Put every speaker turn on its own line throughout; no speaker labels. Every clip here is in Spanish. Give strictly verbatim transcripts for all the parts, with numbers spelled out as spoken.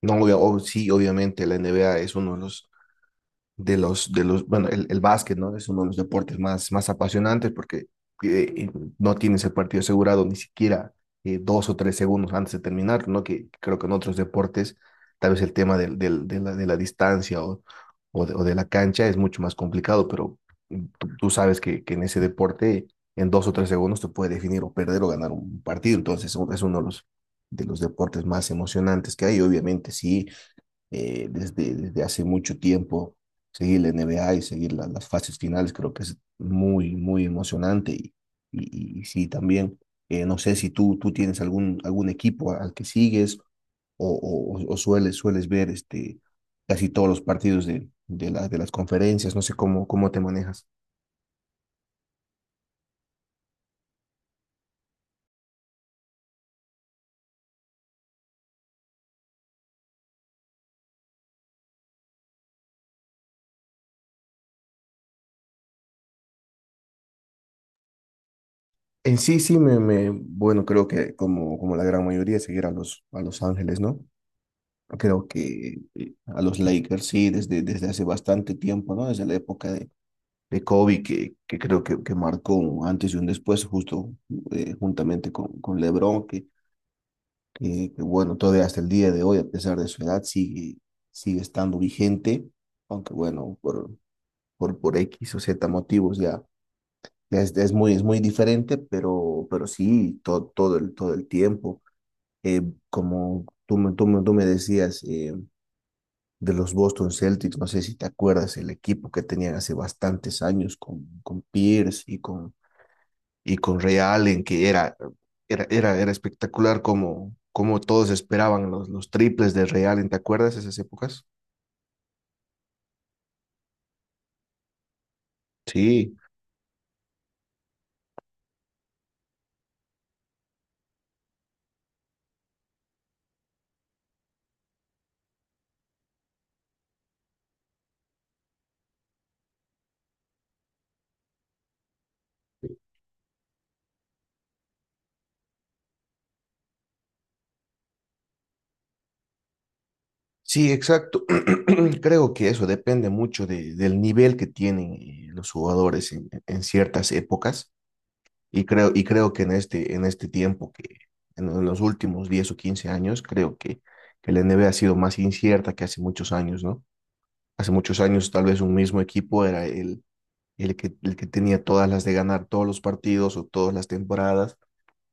No, obvia- oh, sí, obviamente la N B A es uno de los, de los, de los, bueno, el, el básquet, ¿no? Es uno de los deportes más, más apasionantes porque eh, no tienes el partido asegurado ni siquiera eh, dos o tres segundos antes de terminar, ¿no? Que creo que en otros deportes tal vez el tema del, del- de la, de la distancia o, o de, o de la cancha es mucho más complicado, pero mm, tú, tú sabes que, que en ese deporte en dos o tres segundos te puede definir o perder o ganar un partido. Entonces es uno de los, de los deportes más emocionantes que hay, obviamente sí, eh, desde, desde hace mucho tiempo, seguir la N B A y seguir la- las fases finales, creo que es muy, muy emocionante. Y, y, y sí, también, eh, no sé si tú, tú tienes algún, algún equipo al que sigues, o, o, o sueles, sueles ver este, casi todos los partidos de, de, la- de las conferencias, no sé cómo, cómo te manejas. En sí, sí, me, me, bueno, creo que como, como la gran mayoría, seguir a los, a Los Ángeles, ¿no? Creo que eh, a los Lakers sí, desde, desde hace bastante tiempo, ¿no? Desde la época de, de Kobe, que, que creo que, que marcó un antes y un después, justo eh, juntamente con, con LeBron, que, que, que, bueno, todavía hasta el día de hoy, a pesar de su edad, sigue, sigue estando vigente, aunque bueno, por, por, por X o Z motivos ya ya es, es muy, es muy diferente, pero, pero sí, todo, todo, el, todo el tiempo. Eh, como tú, me- tú, me- tú me decías, eh, de los Boston Celtics, no sé si te acuerdas, el equipo que tenían hace bastantes años con, con Pierce y con, y con Ray Allen, que era, era, era, era espectacular, como, como todos esperaban los, los triples de Ray Allen. ¿Te acuerdas esas épocas? Sí. Sí, exacto. Creo que eso depende mucho de, del nivel que tienen, eh, los jugadores en, en ciertas épocas. Y creo, y creo que en este, en este tiempo, que en los últimos diez o quince años, creo que, que la N B A ha sido más incierta que hace muchos años, ¿no? Hace muchos años tal vez un mismo equipo era el, el que, el que tenía todas las de ganar todos los partidos o todas las temporadas,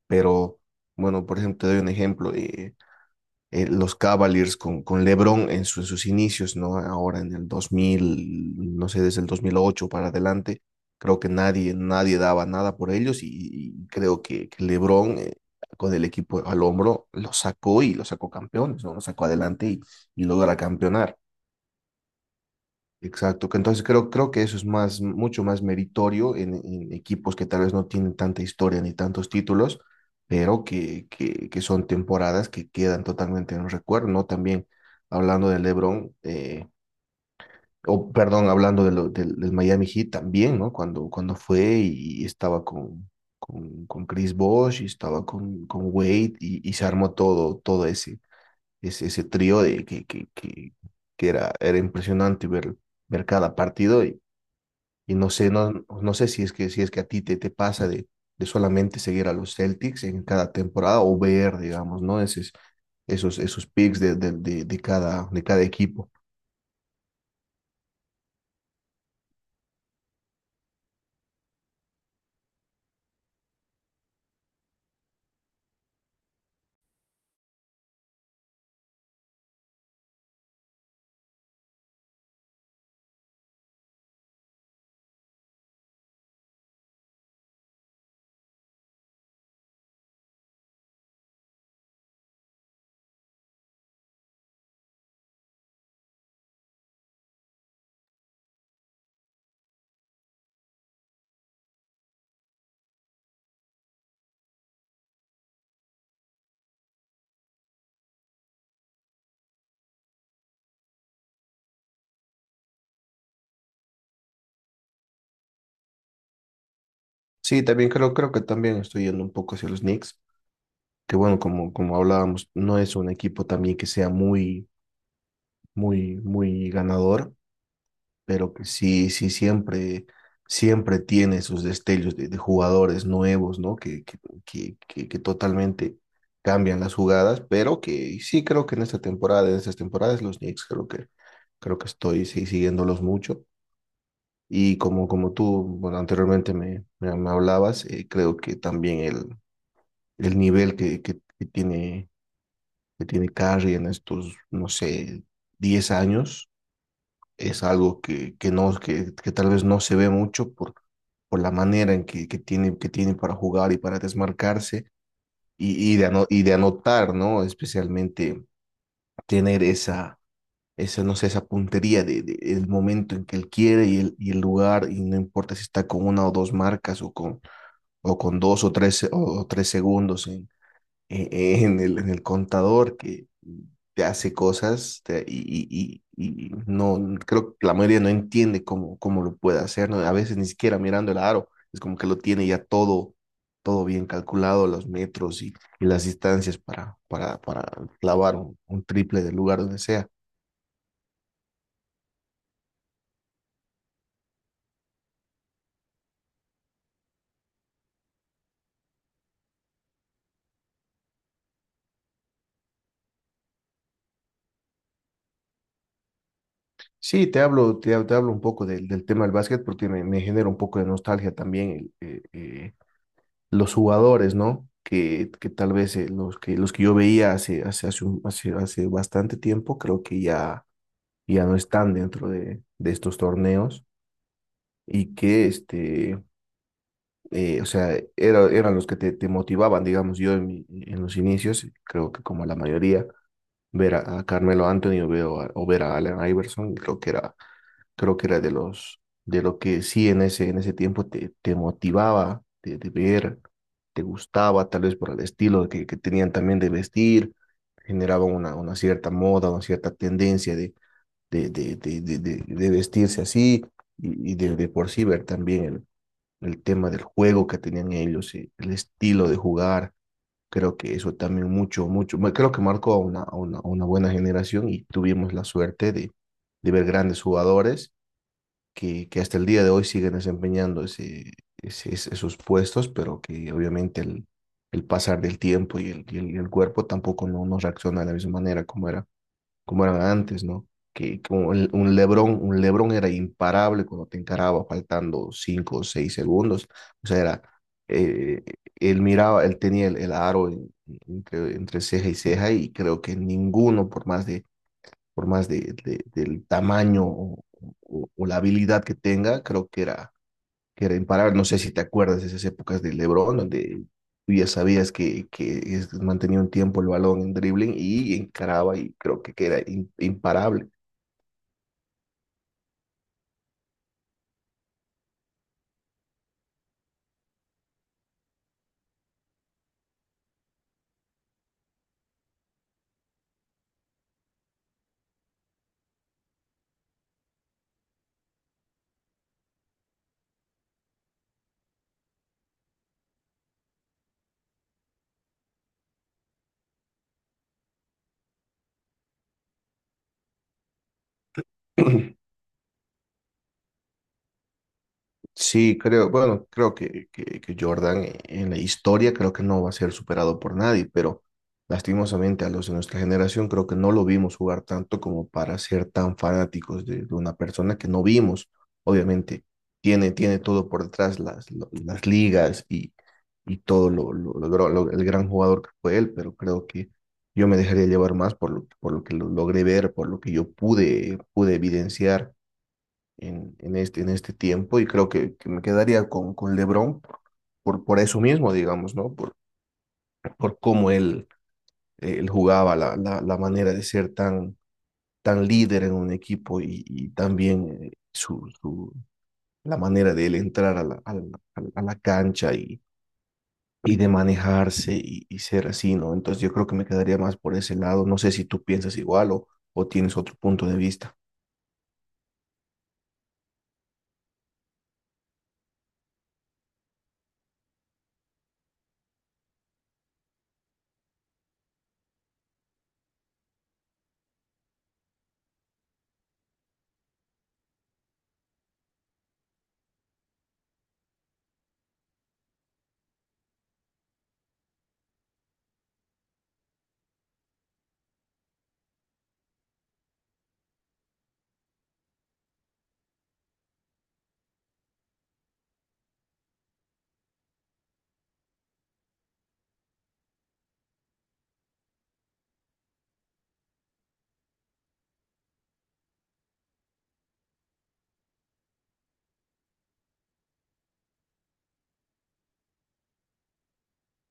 pero bueno, por ejemplo, te doy un ejemplo. Eh, eh, los Cavaliers con, con LeBron en, su- en sus inicios, ¿no? Ahora en el dos mil, no sé, desde el dos mil ocho para adelante, creo que nadie, nadie daba nada por ellos, y, y creo que, que LeBron, eh, con el equipo al hombro lo sacó y lo sacó campeones, ¿no? Lo sacó adelante y, y logra campeonar. Exacto, que entonces creo, creo que eso es más, mucho más meritorio en, en equipos que tal vez no tienen tanta historia ni tantos títulos, pero que, que, que son temporadas que quedan totalmente en el recuerdo, ¿no? También hablando del LeBron, eh, o perdón, hablando de lo- del, del Miami Heat también, ¿no? Cuando, cuando fue y estaba con, con, con Chris Bosh y estaba con, con Wade, y, y se armó todo, todo ese, ese, ese trío de que, que, que, que era, era impresionante ver ver cada partido, y, y no sé, no, no sé si es que, si es que a ti te, te pasa de, de solamente seguir a los Celtics en cada temporada o ver, digamos, ¿no? Esos, esos, esos picks de, de, de, de cada, de cada equipo. Sí, también creo, creo que también estoy yendo un poco hacia los Knicks, que bueno, como, como hablábamos, no es un equipo también que sea muy, muy, muy ganador, pero que sí, sí, siempre, siempre tiene sus destellos de, de jugadores nuevos, ¿no? Que, que, que, que, que totalmente cambian las jugadas, pero que sí creo que en esta temporada, en estas temporadas, los Knicks creo que, creo que estoy sí, siguiéndolos mucho. Y como, como tú, bueno, anteriormente me, me, me hablabas. Eh, creo que también el, el nivel que, que, que tiene, que tiene Curry en estos, no sé, diez años, es algo que, que, no, que, que tal vez no se ve mucho por, por la manera en que, que, tiene, que tiene para jugar y para desmarcarse, y, y, de, ano- y de anotar, ¿no? Especialmente tener esa, esa, no sé, esa puntería de, de el momento en que él quiere y el, y el lugar, y no importa si está con una o dos marcas o con, o con dos o tres, o, o tres segundos en, eh, en el, en el contador, que te hace cosas te- y, y- y- y no, creo que la mayoría no entiende cómo, cómo lo puede hacer, ¿no? A veces ni siquiera mirando el aro, es como que lo tiene ya todo, todo bien calculado, los metros y, y las distancias para, para, para clavar un, un triple del lugar donde sea. Sí, te hablo, te, hab- te hablo un poco del, del tema del básquet, porque me, me genera un poco de nostalgia también el, eh, eh, los jugadores, ¿no? Que, que tal vez, eh, los que, los que yo veía hace, hace, hace, un- hace, hace bastante tiempo, creo que ya, ya no están dentro de, de estos torneos. Y que, este, eh, o sea, era- eran los que te, te motivaban, digamos. Yo en, mi- en los inicios, creo que como la mayoría, ver a, a Carmelo Anthony, o, veo a- o ver a Allen Iverson, creo que era creo que era de los, de lo que sí en ese, en ese tiempo te te motivaba de, de ver. Te gustaba, tal vez por el estilo que, que tenían también de vestir, generaba una, una cierta moda, una cierta tendencia de, de, de, de, de, de- de vestirse así, y, y de, de por sí ver también el, el tema del juego que tenían ellos, eh, el estilo de jugar. Creo que eso también mucho, mucho, bueno, creo que marcó a una, a una, a una buena generación y tuvimos la suerte de, de ver grandes jugadores que, que hasta el día de hoy siguen desempeñando ese, ese- es- esos puestos, pero que obviamente el, el pasar del tiempo y el, y el, y el cuerpo tampoco no, no reacciona de la misma manera como era, como eran antes, ¿no? Que como el- un LeBron, un LeBron era imparable cuando te encaraba faltando cinco o seis segundos. O sea, era, eh, él miraba, él tenía el, el aro en- entre, entre ceja y ceja, y creo que ninguno, por más de por más de, de- del tamaño, o, o- o la habilidad que tenga, creo que era, que era imparable. No sé si te acuerdas de esas épocas de LeBron, donde tú ya sabías que, que es- mantenía un tiempo el balón en dribbling y encaraba, y creo que, que era im- imparable. Sí, creo, bueno, creo que, que, que Jordan, eh, en la historia creo que no va a ser superado por nadie, pero lastimosamente a los de nuestra generación creo que no lo vimos jugar tanto como para ser tan fanáticos de, de una persona que no vimos. Obviamente tiene, tiene todo por detrás, las, lo- las ligas, y, y todo lo, lo- lo gro- lo- el gran jugador que fue él, pero creo que yo me dejaría llevar más por lo, por lo que lo logré ver, por lo que yo pude, pude evidenciar en, en este, en este tiempo, y creo que, que me quedaría con, con LeBron por, por eso mismo, digamos, ¿no? Por, por cómo él, eh, él jugaba, la, la, la manera de ser tan, tan líder en un equipo, y, y también, eh, su, su, la manera de él entrar a la, a la, a la- a la cancha, y, y de manejarse, y, y ser así, ¿no? Entonces yo creo que me quedaría más por ese lado. No sé si tú piensas igual, o, o tienes otro punto de vista.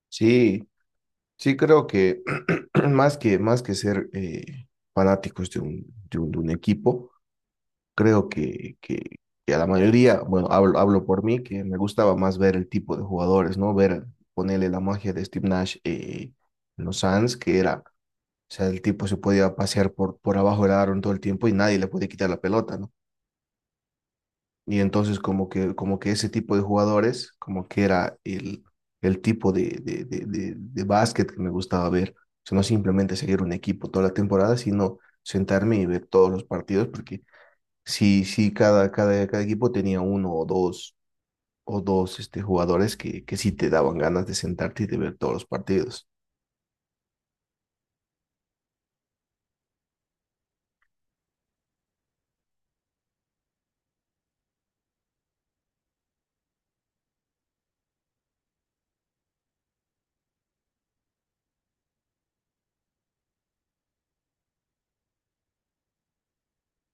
Sí. Sí, creo que más que, más que ser, eh, fanáticos de un, de un, de un equipo, creo que, que, que a la mayoría, bueno, hablo, hablo por mí, que me gustaba más ver el tipo de jugadores, ¿no? Ver, ponerle la magia de Steve Nash, eh, en los Suns, que era, o sea, el tipo se podía pasear por, por abajo del aro en todo el tiempo y nadie le podía quitar la pelota, ¿no? Y entonces como que, como que ese tipo de jugadores, como que era el, el tipo de, de, de, de, de básquet que me gustaba ver. O sea, no simplemente seguir un equipo toda la temporada, sino sentarme y ver todos los partidos, porque sí, sí, cada, cada, cada equipo tenía uno o dos, o dos este, jugadores que, que sí te daban ganas de sentarte y de ver todos los partidos.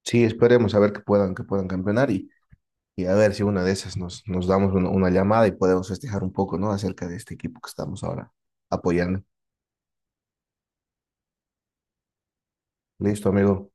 Sí, esperemos a ver que puedan, que puedan campeonar, y, y a ver si una de esas nos, nos damos una, una llamada y podemos festejar un poco, ¿no? Acerca de este equipo que estamos ahora apoyando. Listo, amigo.